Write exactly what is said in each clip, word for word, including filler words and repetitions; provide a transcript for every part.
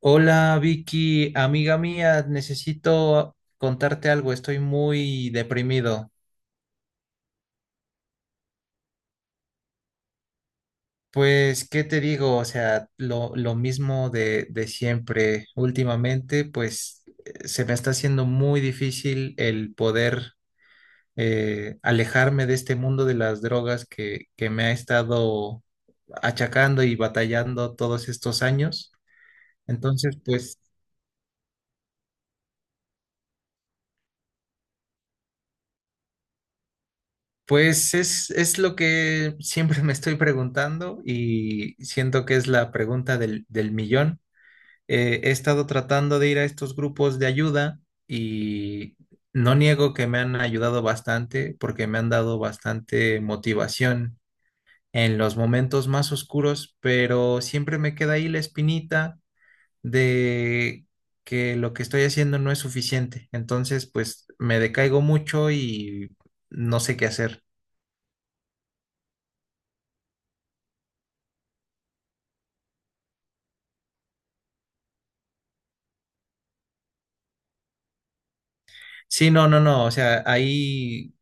Hola Vicky, amiga mía, necesito contarte algo, estoy muy deprimido. Pues, ¿qué te digo? O sea, lo, lo mismo de, de siempre. Últimamente, pues, eh, se me está haciendo muy difícil el poder eh, alejarme de este mundo de las drogas que, que me ha estado achacando y batallando todos estos años. Entonces, pues, Pues es, es lo que siempre me estoy preguntando y siento que es la pregunta del, del millón. Eh, he estado tratando de ir a estos grupos de ayuda y no niego que me han ayudado bastante porque me han dado bastante motivación en los momentos más oscuros, pero siempre me queda ahí la espinita de que lo que estoy haciendo no es suficiente. Entonces, pues me decaigo mucho y no sé qué hacer. Sí, no, no, no, o sea, ahí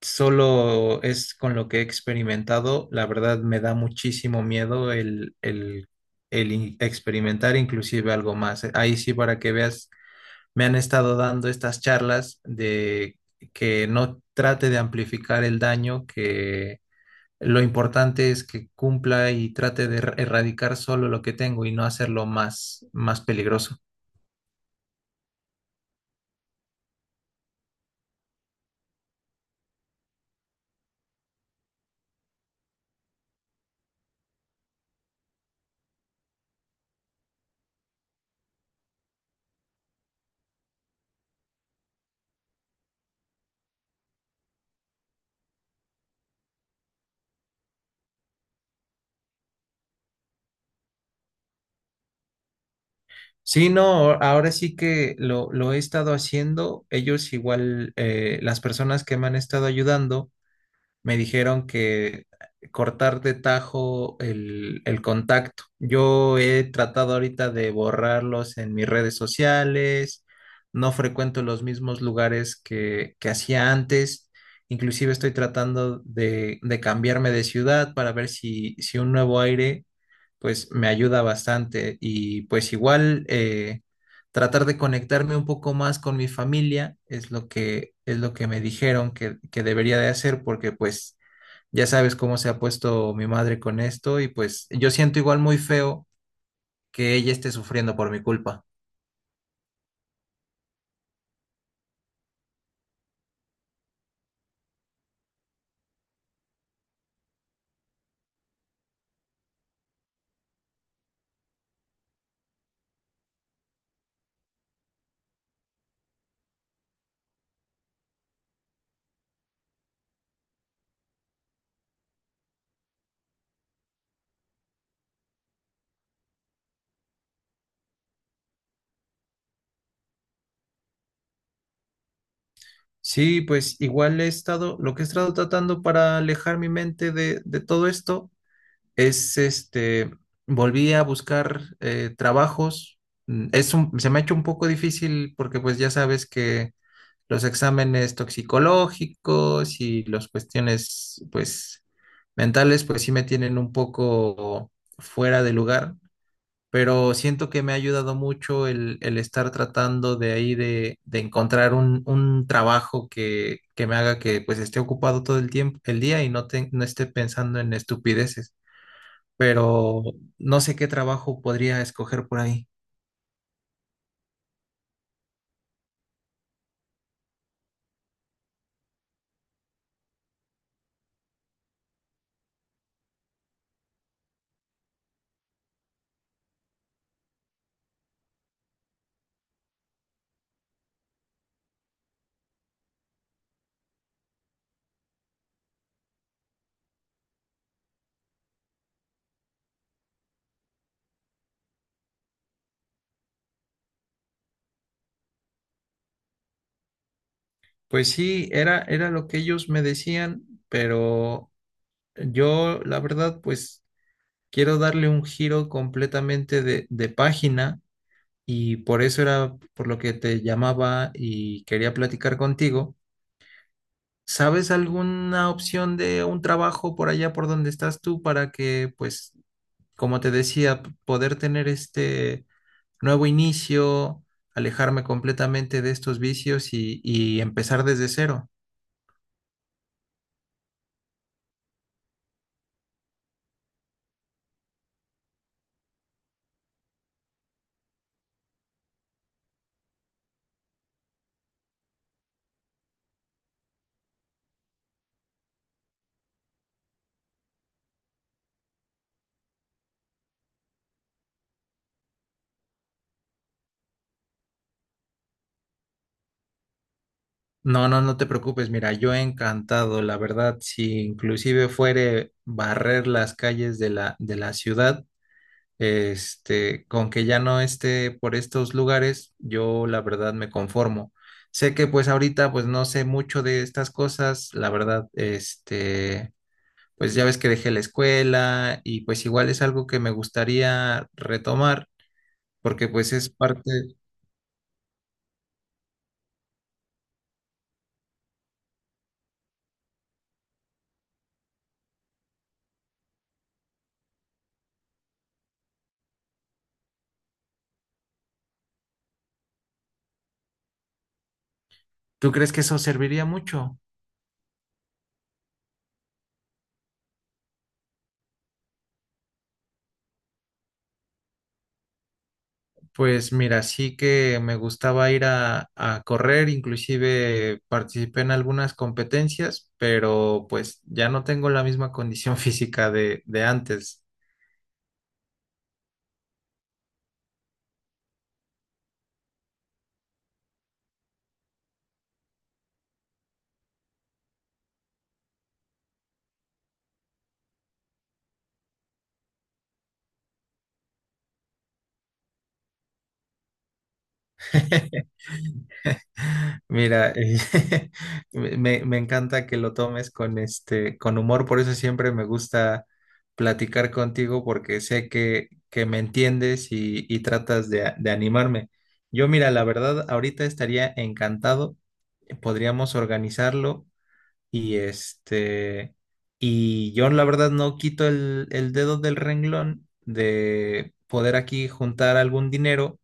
solo es con lo que he experimentado. La verdad me da muchísimo miedo el, el, el in- experimentar inclusive algo más. eh, Ahí sí, para que veas, me han estado dando estas charlas de que no trate de amplificar el daño, que lo importante es que cumpla y trate de er- erradicar solo lo que tengo y no hacerlo más, más peligroso. Sí, no, ahora sí que lo, lo he estado haciendo. Ellos igual, eh, las personas que me han estado ayudando me dijeron que cortar de tajo el, el contacto. Yo he tratado ahorita de borrarlos en mis redes sociales, no frecuento los mismos lugares que, que hacía antes. Inclusive estoy tratando de, de cambiarme de ciudad para ver si, si un nuevo aire pues me ayuda bastante. Y pues igual eh, tratar de conectarme un poco más con mi familia es lo que es lo que me dijeron que, que debería de hacer, porque pues ya sabes cómo se ha puesto mi madre con esto, y pues yo siento igual muy feo que ella esté sufriendo por mi culpa. Sí, pues igual he estado, lo que he estado tratando para alejar mi mente de, de todo esto es este, volví a buscar eh, trabajos. Mm, Es un- se me ha hecho un poco difícil porque pues ya sabes que los exámenes toxicológicos y las cuestiones pues mentales pues sí me tienen un poco fuera de lugar, pero siento que me ha ayudado mucho el, el estar tratando de ahí de, de encontrar un, un trabajo que, que me haga que pues esté ocupado todo el tiempo, el día, y no, te- no esté pensando en estupideces, pero no sé qué trabajo podría escoger por ahí. Pues sí, era, era lo que ellos me decían, pero yo la verdad pues quiero darle un giro completamente de, de página, y por eso era por lo que te llamaba y quería platicar contigo. ¿Sabes alguna opción de un trabajo por allá por donde estás tú para que, pues, como te decía, p- poder tener este nuevo inicio, alejarme completamente de estos vicios y, y empezar desde cero? No, no, no te preocupes, mira, yo encantado, la verdad, si inclusive fuere barrer las calles de la, de la ciudad. Este, con que ya no esté por estos lugares, yo la verdad me conformo. Sé que pues ahorita pues no sé mucho de estas cosas, la verdad, este, pues ya ves que dejé la escuela y pues igual es algo que me gustaría retomar porque pues es parte, ¿tú crees que eso serviría mucho? Pues mira, sí que me gustaba ir a, a correr, inclusive participé en algunas competencias, pero pues ya no tengo la misma condición física de, de antes. Mira, eh, me, me encanta que lo tomes con este, con humor. Por eso siempre me gusta platicar contigo, porque sé que, que me entiendes y, y tratas de, de animarme. Yo, mira, la verdad, ahorita estaría encantado, eh, podríamos organizarlo. Y este, y yo la verdad no quito el, el dedo del renglón de poder aquí juntar algún dinero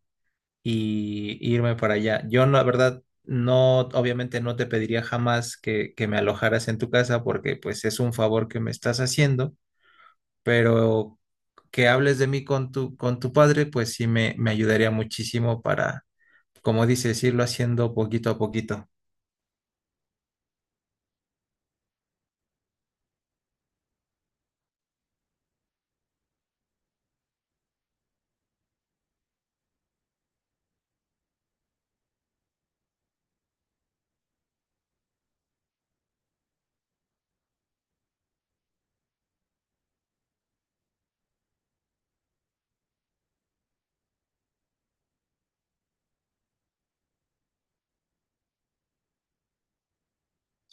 y irme para allá. Yo la verdad no, obviamente no te pediría jamás que, que me alojaras en tu casa, porque pues es un favor que me estás haciendo, pero que hables de mí con tu, con tu padre, pues sí me, me ayudaría muchísimo para, como dices, irlo haciendo poquito a poquito.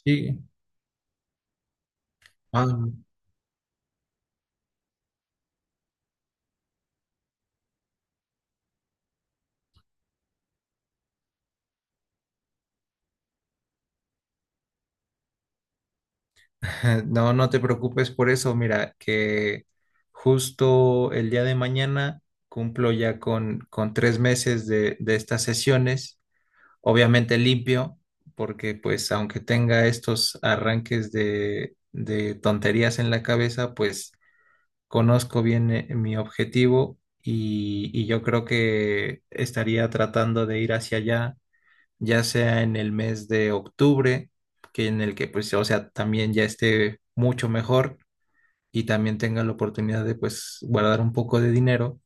Sí, ah, No, no te preocupes por eso. Mira, que justo el día de mañana cumplo ya con, con tres meses de, de estas sesiones. Obviamente limpio, porque pues aunque tenga estos arranques de, de tonterías en la cabeza, pues conozco bien eh, mi objetivo, y, y yo creo que estaría tratando de ir hacia allá ya sea en el mes de octubre, que en el que pues, o sea, también ya esté mucho mejor y también tenga la oportunidad de pues guardar un poco de dinero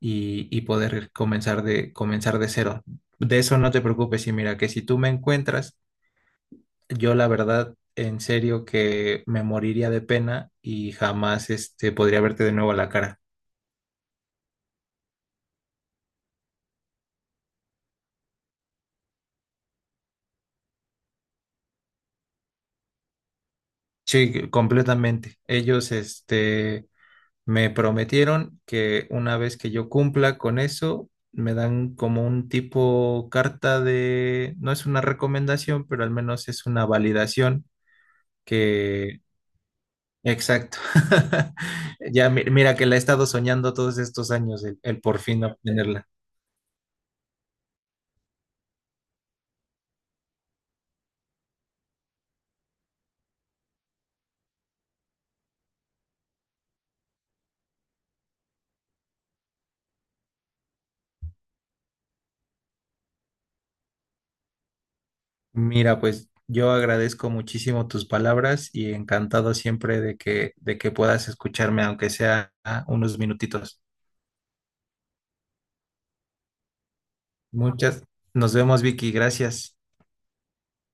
y, y poder comenzar de, comenzar de cero. De eso no te preocupes, y mira que si tú me encuentras, yo la verdad, en serio que me moriría de pena y jamás este, podría verte de nuevo a la cara. Sí, completamente. Ellos, este, me prometieron que una vez que yo cumpla con eso, me dan como un tipo carta de, no es una recomendación, pero al menos es una validación que, exacto. Ya mi- mira que la he estado soñando todos estos años, el, el por fin obtenerla. Mira, pues yo agradezco muchísimo tus palabras y encantado siempre de que, de que puedas escucharme, aunque sea ah, unos minutitos. Muchas. Nos vemos, Vicky. Gracias.